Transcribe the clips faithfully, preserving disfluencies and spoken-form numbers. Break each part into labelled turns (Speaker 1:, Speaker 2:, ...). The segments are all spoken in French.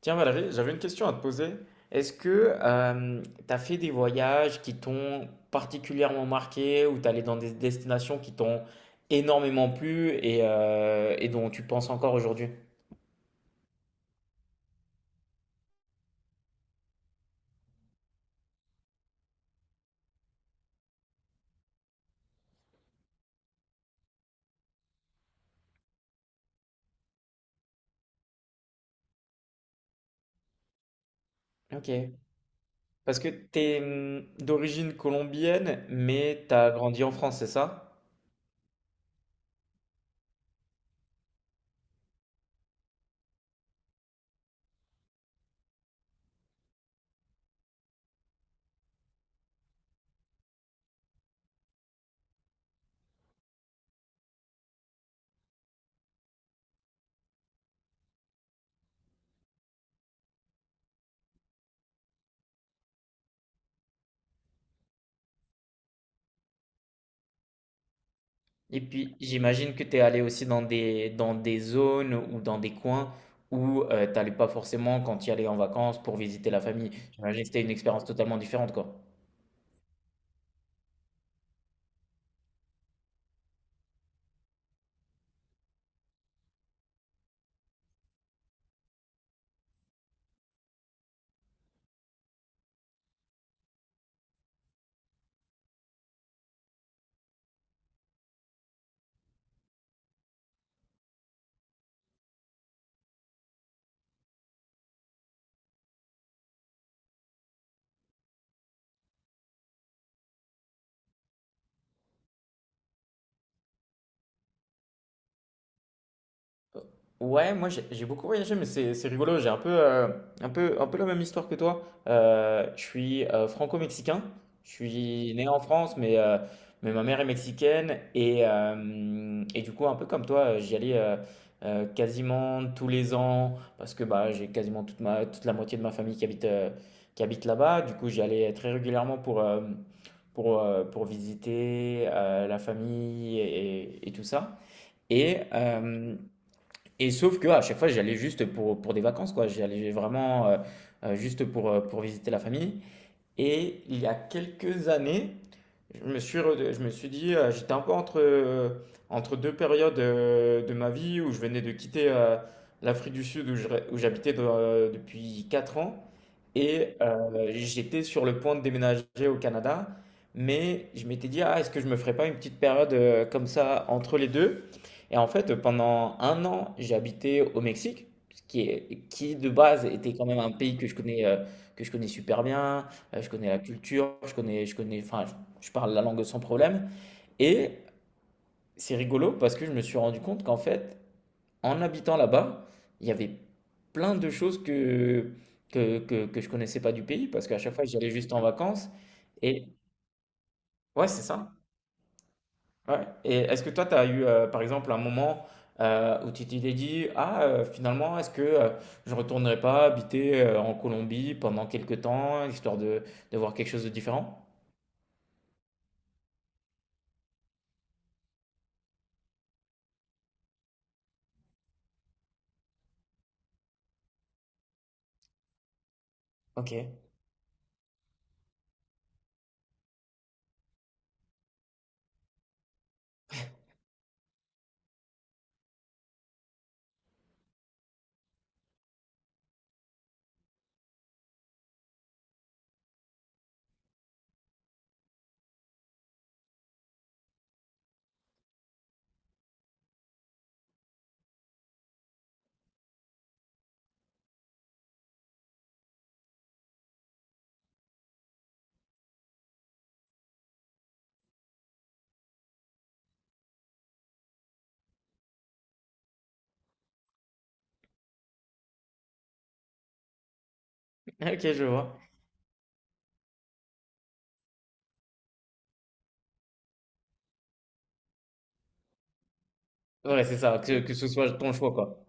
Speaker 1: Tiens Valérie, j'avais une question à te poser. Est-ce que tu as fait des voyages qui t'ont particulièrement marqué ou t'es allé dans des destinations qui t'ont énormément plu et, euh, et dont tu penses encore aujourd'hui? Ok. Parce que t'es hum, d'origine colombienne, mais t'as grandi en France, c'est ça? Et puis j'imagine que t'es allé aussi dans des, dans des zones ou dans des coins où euh, t'allais pas forcément quand tu y allais en vacances pour visiter la famille. J'imagine que c'était une expérience totalement différente, quoi. Ouais, moi j'ai j'ai beaucoup voyagé, mais c'est c'est rigolo. J'ai un peu, euh, un peu, un peu la même histoire que toi. Euh, je suis euh, franco-mexicain. Je suis né en France, mais, euh, mais ma mère est mexicaine. Et, euh, et du coup, un peu comme toi, euh, j'y allais euh, euh, quasiment tous les ans parce que bah, j'ai quasiment toute, ma, toute la moitié de ma famille qui habite, euh, qui habite là-bas. Du coup, j'y allais très régulièrement pour, euh, pour, euh, pour visiter euh, la famille et, et tout ça. Et, euh, et sauf que à chaque fois, j'allais juste pour, pour des vacances, quoi. J'allais vraiment euh, euh, juste pour, euh, pour visiter la famille. Et il y a quelques années, je me suis, re- je me suis dit, euh, J'étais un peu entre, euh, entre deux périodes euh, de ma vie où je venais de quitter euh, l'Afrique du Sud où je ré- où j'habitais de- euh, depuis quatre ans et euh, j'étais sur le point de déménager au Canada. Mais je m'étais dit, ah, est-ce que je me ferais pas une petite période euh, comme ça entre les deux? Et en fait, pendant un an, j'ai habité au Mexique, ce qui est- qui de base était quand même un pays que je connais, euh, que je connais super bien. Euh, je connais la culture, je connais, je connais, enfin, je, je parle la langue sans problème. Et c'est rigolo parce que je me suis rendu compte qu'en fait, en habitant là-bas, il y avait plein de choses que, que, que, que je connaissais pas du pays parce qu'à chaque fois, j'y allais juste en vacances. Et ouais, c'est ça. Ouais. Et est-ce que toi, tu as eu, euh, par exemple, un moment euh, où tu t'es dit, ah, euh, finalement, est-ce que euh, je ne retournerai pas habiter euh, en Colombie pendant quelques temps, histoire de, de voir quelque chose de différent? Ok. Ok, je vois. Ouais, c'est ça, que, que ce soit ton choix, quoi.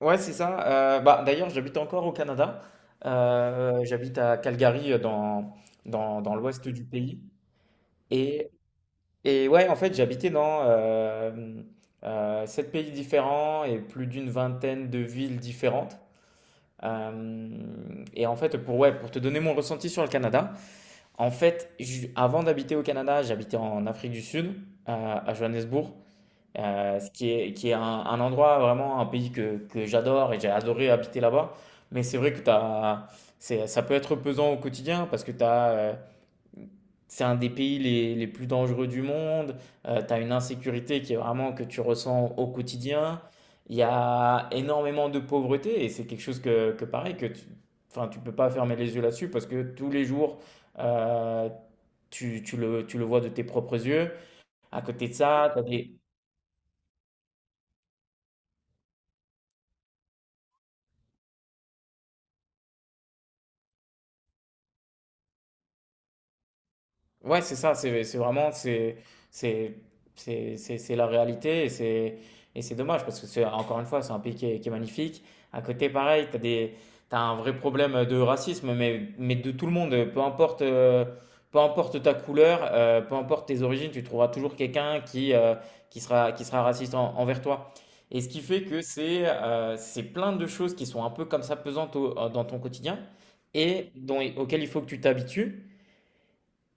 Speaker 1: Ouais, c'est ça. Euh, bah, d'ailleurs, j'habite encore au Canada. Euh, j'habite à Calgary, euh, dans, dans, dans l'ouest du pays. Et, et ouais, en fait, j'habitais dans euh, euh, sept pays différents et plus d'une vingtaine de villes différentes. Euh, et en fait, pour, ouais, pour te donner mon ressenti sur le Canada, en fait, ju- avant d'habiter au Canada, j'habitais en Afrique du Sud, euh, à Johannesburg. Euh, ce qui est, qui est un, un endroit, vraiment un pays que, que j'adore et j'ai adoré habiter là-bas. Mais c'est vrai que t'as, c'est, ça peut être pesant au quotidien parce que t'as, euh, c'est un des pays les, les plus dangereux du monde. Euh, tu as une insécurité qui est vraiment que tu ressens au quotidien. Il y a énormément de pauvreté et c'est quelque chose que, que pareil, que tu, enfin, tu peux pas fermer les yeux là-dessus parce que tous les jours, euh, tu, tu le, tu le vois de tes propres yeux. À côté de ça, ouais, c'est ça, c'est c'est vraiment, c'est c'est- c'est- c'est- c'est la réalité et c'est et c'est dommage parce que c'est encore une fois, c'est un pays qui est, qui est magnifique. À côté, pareil, t'as des, t'as un vrai problème de racisme, mais, mais de tout le monde, peu importe, euh, peu importe ta couleur, euh, peu importe tes origines, tu trouveras toujours quelqu'un qui, euh, qui sera, qui sera raciste en- envers toi. Et ce qui fait que c'est euh, c'est plein de choses qui sont un peu comme ça pesantes au- dans ton quotidien et dont, auxquelles il faut que tu t'habitues.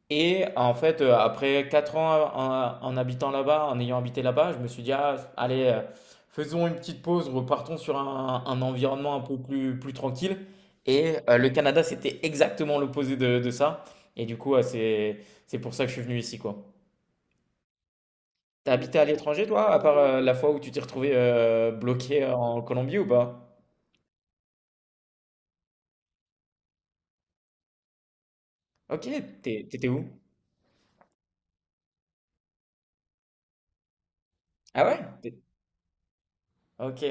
Speaker 1: Et en fait, euh, après quatre ans en, en habitant là-bas, en ayant habité là-bas, je me suis dit, ah, allez, euh, faisons une petite pause, repartons sur un, un environnement un peu plus, plus tranquille. Et euh, le Canada, c'était exactement l'opposé de, de ça. Et du coup, euh, c'est, c'est pour ça que je suis venu ici, quoi. T'as habité à l'étranger, toi, à part euh, la fois où tu t'es retrouvé euh, bloqué en Colombie ou pas? Ok, t'es- t'étais où? Ah ouais? T'es- Ok.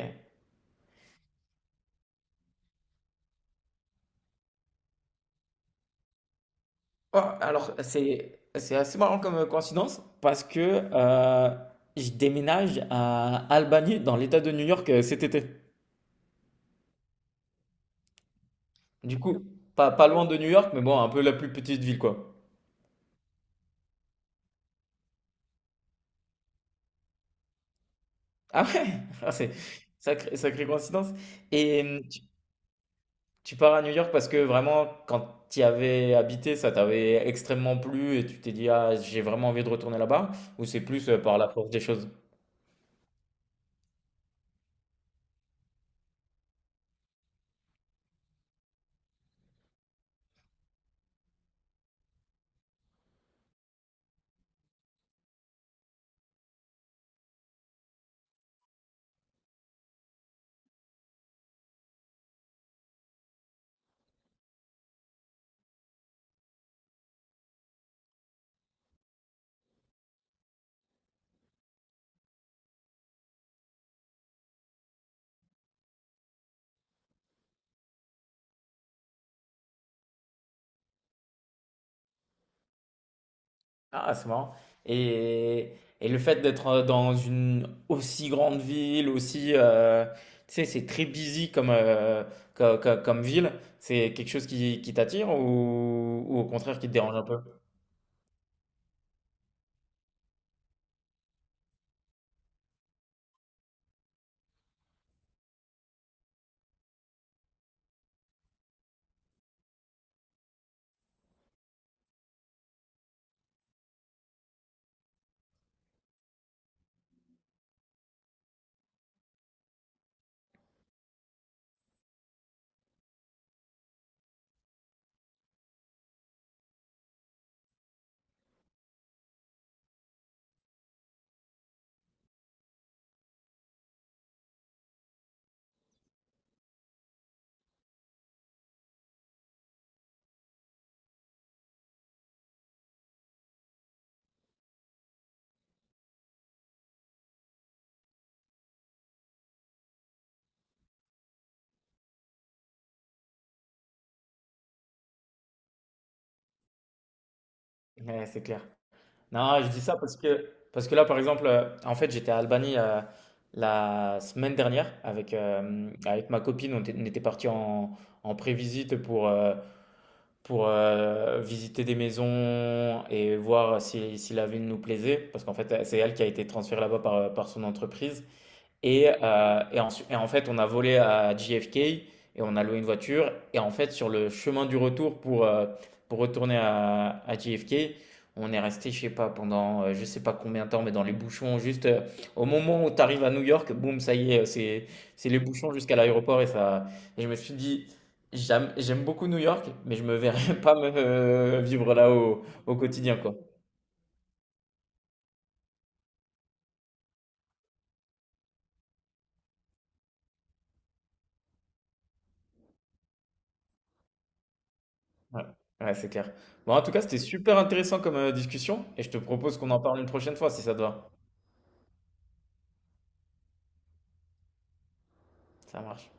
Speaker 1: Oh, alors, c'est c'est assez marrant comme euh, coïncidence parce que euh, je déménage à Albany, dans l'État de New York, euh, cet été. Du coup, pas, pas loin de New York, mais bon, un peu la plus petite ville, quoi. Ah ouais, Ah, c'est sacré, sacrée coïncidence. Et hum, tu, tu pars à New York parce que vraiment, quand tu y avais habité, ça t'avait extrêmement plu et tu t'es dit, ah, j'ai vraiment envie de retourner là-bas, ou c'est plus euh, par la force des choses? Ah, c'est marrant. Et, et le fait d'être euh, dans une aussi grande ville, aussi, euh, tu sais, c'est très busy comme, euh, co- co- comme, ville, c'est quelque chose qui, qui t'attire ou, ou au contraire qui te dérange un peu? Ouais, c'est clair. Non, je dis ça parce que, parce que là, par exemple, euh, en fait, j'étais à Albanie euh, la semaine dernière avec, euh, avec ma copine. On était, on était parti en, en prévisite pour, euh, pour euh, visiter des maisons et voir si, si la ville nous plaisait, parce qu'en fait, c'est elle qui a été transférée là-bas par, par son entreprise. Et, euh, et, ensu- et en fait, on a volé à J F K et on a loué une voiture. Et en fait, sur le chemin du retour pour, euh, pour retourner à, à J F K, on est resté, je sais pas, pendant euh, je sais pas combien de temps, mais dans les bouchons. Juste euh, au moment où tu arrives à New York, boum, ça y est, euh, c'est, C'est les bouchons jusqu'à l'aéroport. Et ça, et je me suis dit, j'aime, j'aime beaucoup New York, mais je me verrais pas me, euh, vivre là au, au quotidien, quoi. Ouais, ouais, c'est clair. Bon, en tout cas, c'était super intéressant comme euh, discussion et je te propose qu'on en parle une prochaine fois si ça te va. Ça marche.